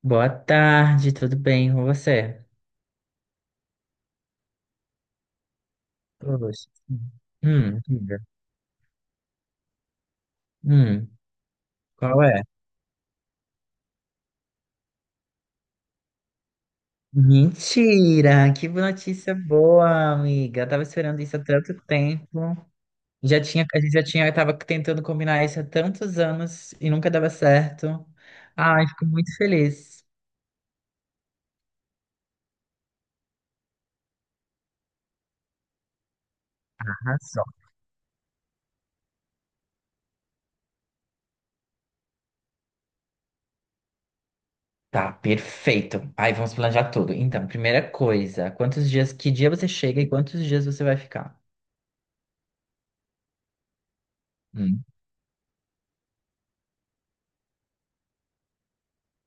Boa tarde, tudo bem com você? Poxa. Diga. Hum, qual é? Mentira! Que notícia boa, amiga. Eu tava esperando isso há tanto tempo. A gente já tinha tava tentando combinar isso há tantos anos e nunca dava certo. Ai, fico muito feliz. Arrasou. Tá, perfeito. Aí vamos planejar tudo. Então, primeira coisa, quantos dias, que dia você chega e quantos dias você vai ficar?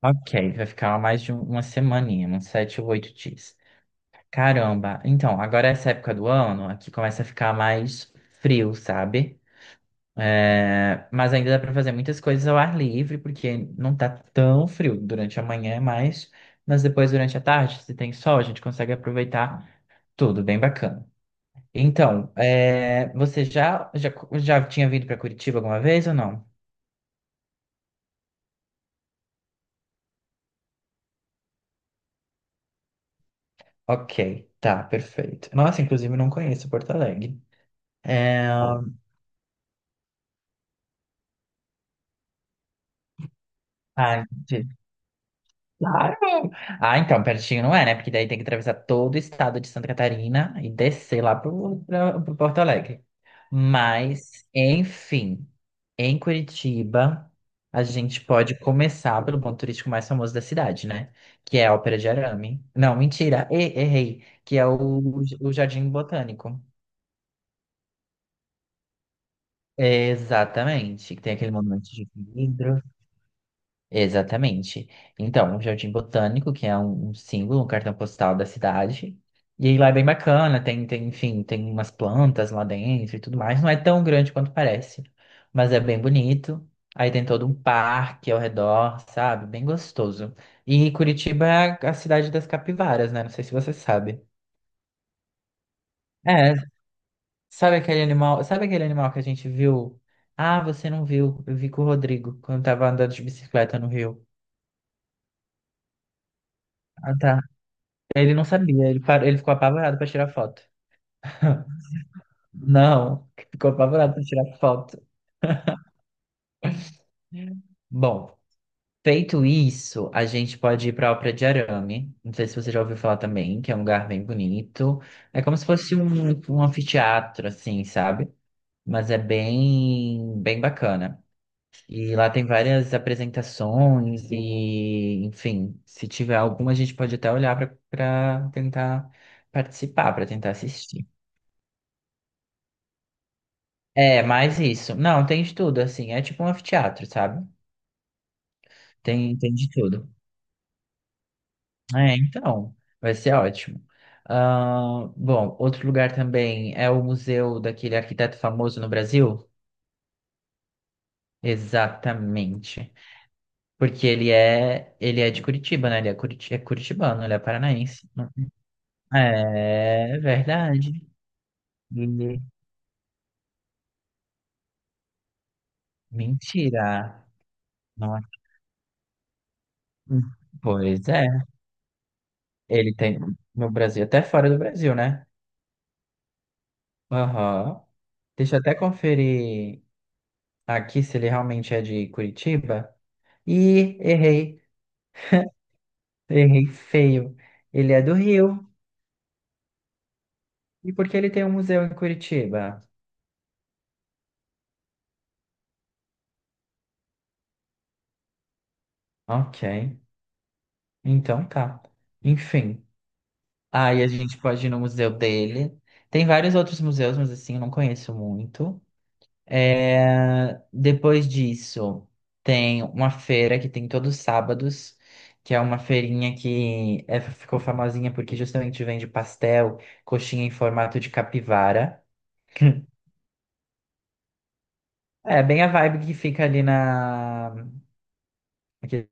Ok, vai ficar mais de uma semaninha, uns 7 ou 8 dias. Caramba, então, agora é essa época do ano, aqui começa a ficar mais frio, sabe? É, mas ainda dá para fazer muitas coisas ao ar livre, porque não tá tão frio durante a manhã, mas depois durante a tarde, se tem sol, a gente consegue aproveitar tudo, bem bacana. Então, é, você já tinha vindo para Curitiba alguma vez ou não? Ok, tá, perfeito. Nossa, inclusive não conheço Porto Alegre. É, ah, entendi. Claro! Ah, então, pertinho não é, né? Porque daí tem que atravessar todo o estado de Santa Catarina e descer pro Porto Alegre. Mas, enfim, em Curitiba, a gente pode começar pelo ponto turístico mais famoso da cidade, né? Que é a Ópera de Arame. Não, mentira, errei. O Jardim Botânico. Exatamente. Que tem aquele monumento de vidro. Exatamente. Então, o Jardim Botânico, que é um símbolo, um cartão postal da cidade. E aí lá é bem bacana, tem, enfim, tem umas plantas lá dentro e tudo mais. Não é tão grande quanto parece, mas é bem bonito. Aí tem todo um parque ao redor, sabe? Bem gostoso. E Curitiba é a cidade das capivaras, né? Não sei se você sabe. É, sabe aquele animal que a gente viu? Ah, você não viu. Eu vi com o Rodrigo quando tava andando de bicicleta no Rio. Ah, tá. Ele não sabia, ele, parou, ele ficou apavorado para tirar foto. Não, ficou apavorado para tirar foto. Bom, feito isso, a gente pode ir para a Ópera de Arame. Não sei se você já ouviu falar também, que é um lugar bem bonito. É como se fosse um anfiteatro, assim, sabe? Mas é bem bacana. E lá tem várias apresentações e, enfim, se tiver alguma, a gente pode até olhar para tentar para tentar assistir. É, mais isso. Não, tem de tudo, assim. É tipo um anfiteatro, sabe? Tem de tudo. É, então, vai ser ótimo. Ah, bom, outro lugar também é o museu daquele arquiteto famoso no Brasil. Exatamente. Porque ele é de Curitiba, né? Ele é, curiti é curitibano, ele é paranaense. É verdade. E... Mentira. Não é... Pois é. Ele tem no Brasil, até fora do Brasil, né? Aham. Deixa eu até conferir aqui se ele realmente é de Curitiba. E errei, errei feio. Ele é do Rio. E por que ele tem um museu em Curitiba? Ok, então tá. Enfim, aí a gente pode ir no museu dele. Tem vários outros museus, mas assim, eu não conheço muito. É, depois disso, tem uma feira que tem todos os sábados, que é uma feirinha ficou famosinha porque justamente vende pastel, coxinha em formato de capivara. É bem a vibe que fica ali na naquele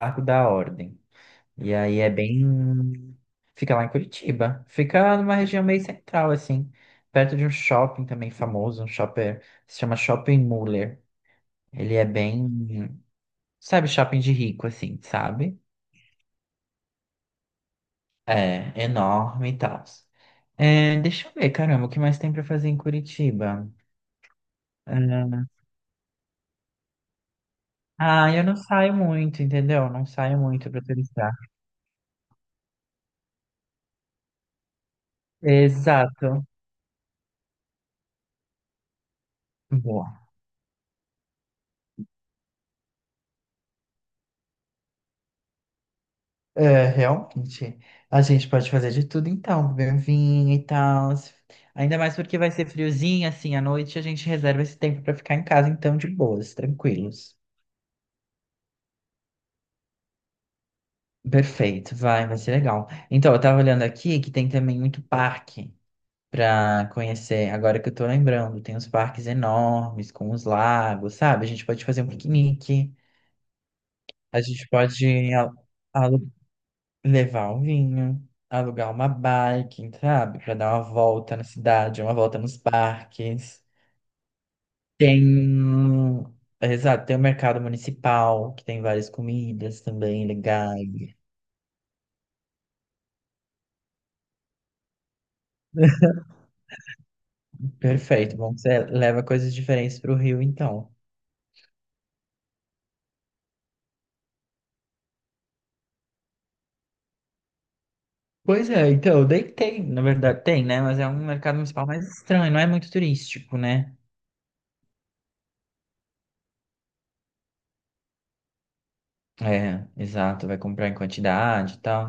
Arco da Ordem. E aí é bem. Fica lá em Curitiba. Fica numa região meio central, assim. Perto de um shopping também famoso, um shopper. Se chama Shopping Muller. Ele é bem. Sabe, shopping de rico, assim, sabe? É, enorme e tal. É, deixa eu ver, caramba, o que mais tem pra fazer em Curitiba? É, ah, eu não saio muito, entendeu? Não saio muito pra turistar. Exato. Boa. É, realmente. A gente pode fazer de tudo então, beber um vinho e tal. Ainda mais porque vai ser friozinho, assim, à noite, a gente reserva esse tempo pra ficar em casa, então, de boas, tranquilos. Perfeito, vai ser legal. Então, eu tava olhando aqui que tem também muito parque para conhecer. Agora que eu tô lembrando, tem uns parques enormes com os lagos, sabe? A gente pode fazer um piquenique, a gente pode a- alu- levar um vinho, alugar uma bike, sabe? Para dar uma volta na cidade, uma volta nos parques. Tem, exato, tem o mercado municipal, que tem várias comidas também legais. Perfeito, bom, você leva coisas diferentes para o Rio, então. Pois é, então, na verdade tem, né? Mas é um mercado municipal mais estranho, não é muito turístico, né? É, exato, vai comprar em quantidade e tal.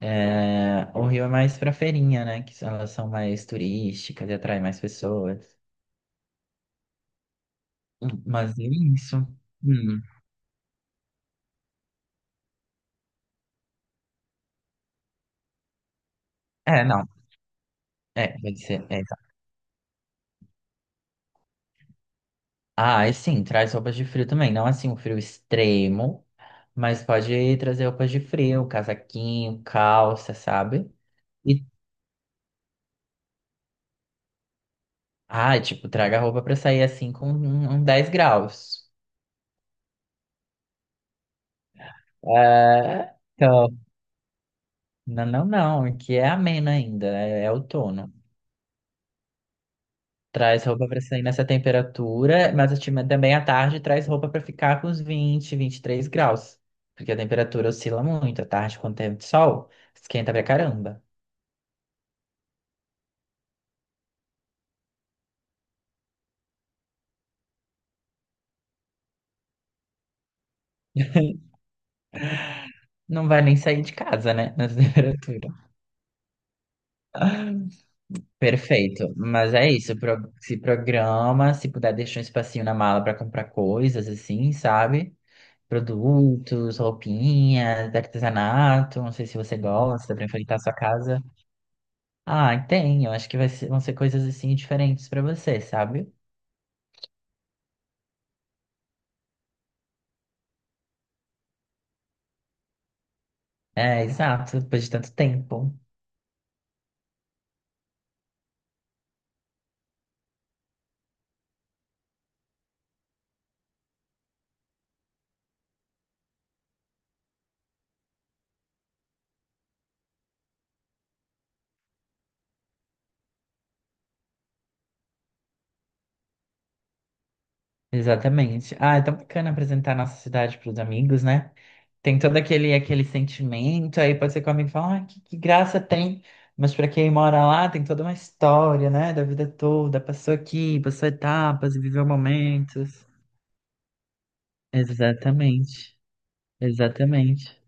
É, o Rio é mais pra feirinha, né? Que elas são mais turísticas e atraem mais pessoas. Mas é isso. Hum. É, não. É, vai ser. É, exato. Ah, e sim, traz roupas de frio também. Não assim, um frio extremo, mas pode trazer roupas de frio, casaquinho, calça, sabe? E Ah, tipo, traga roupa pra sair assim uns 10 graus. É, então, não, que é ameno ainda, é outono. Traz roupa pra sair nessa temperatura, mas a também à tarde traz roupa pra ficar com os 20, 23 graus. Porque a temperatura oscila muito. À tarde, quando tem sol, esquenta pra caramba. Não vai nem sair de casa, né? Nessa temperatura. Perfeito, mas é isso, se programa, se puder deixar um espacinho na mala para comprar coisas assim, sabe? Produtos, roupinhas, artesanato, não sei se você gosta para enfeitar sua casa. Ah, tem, eu acho que vão ser coisas assim diferentes para você, sabe? É, exato, depois de tanto tempo. Exatamente. Ah, é tão bacana apresentar a nossa cidade para os amigos, né? Tem todo aquele sentimento, aí pode ser que o amigo fala, ah, que graça tem. Mas para quem mora lá, tem toda uma história, né? Da vida toda, passou aqui, passou etapas, viveu momentos. Exatamente, exatamente.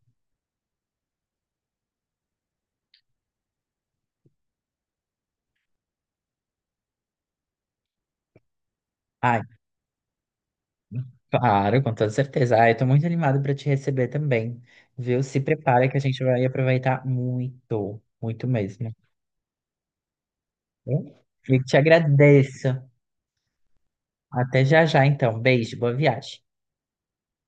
Ai, claro, com toda certeza. Ai, eu tô muito animado para te receber também, viu? Se prepara que a gente vai aproveitar muito, muito mesmo. Tá bom? Eu te agradeço. Até já já, então. Beijo, boa viagem.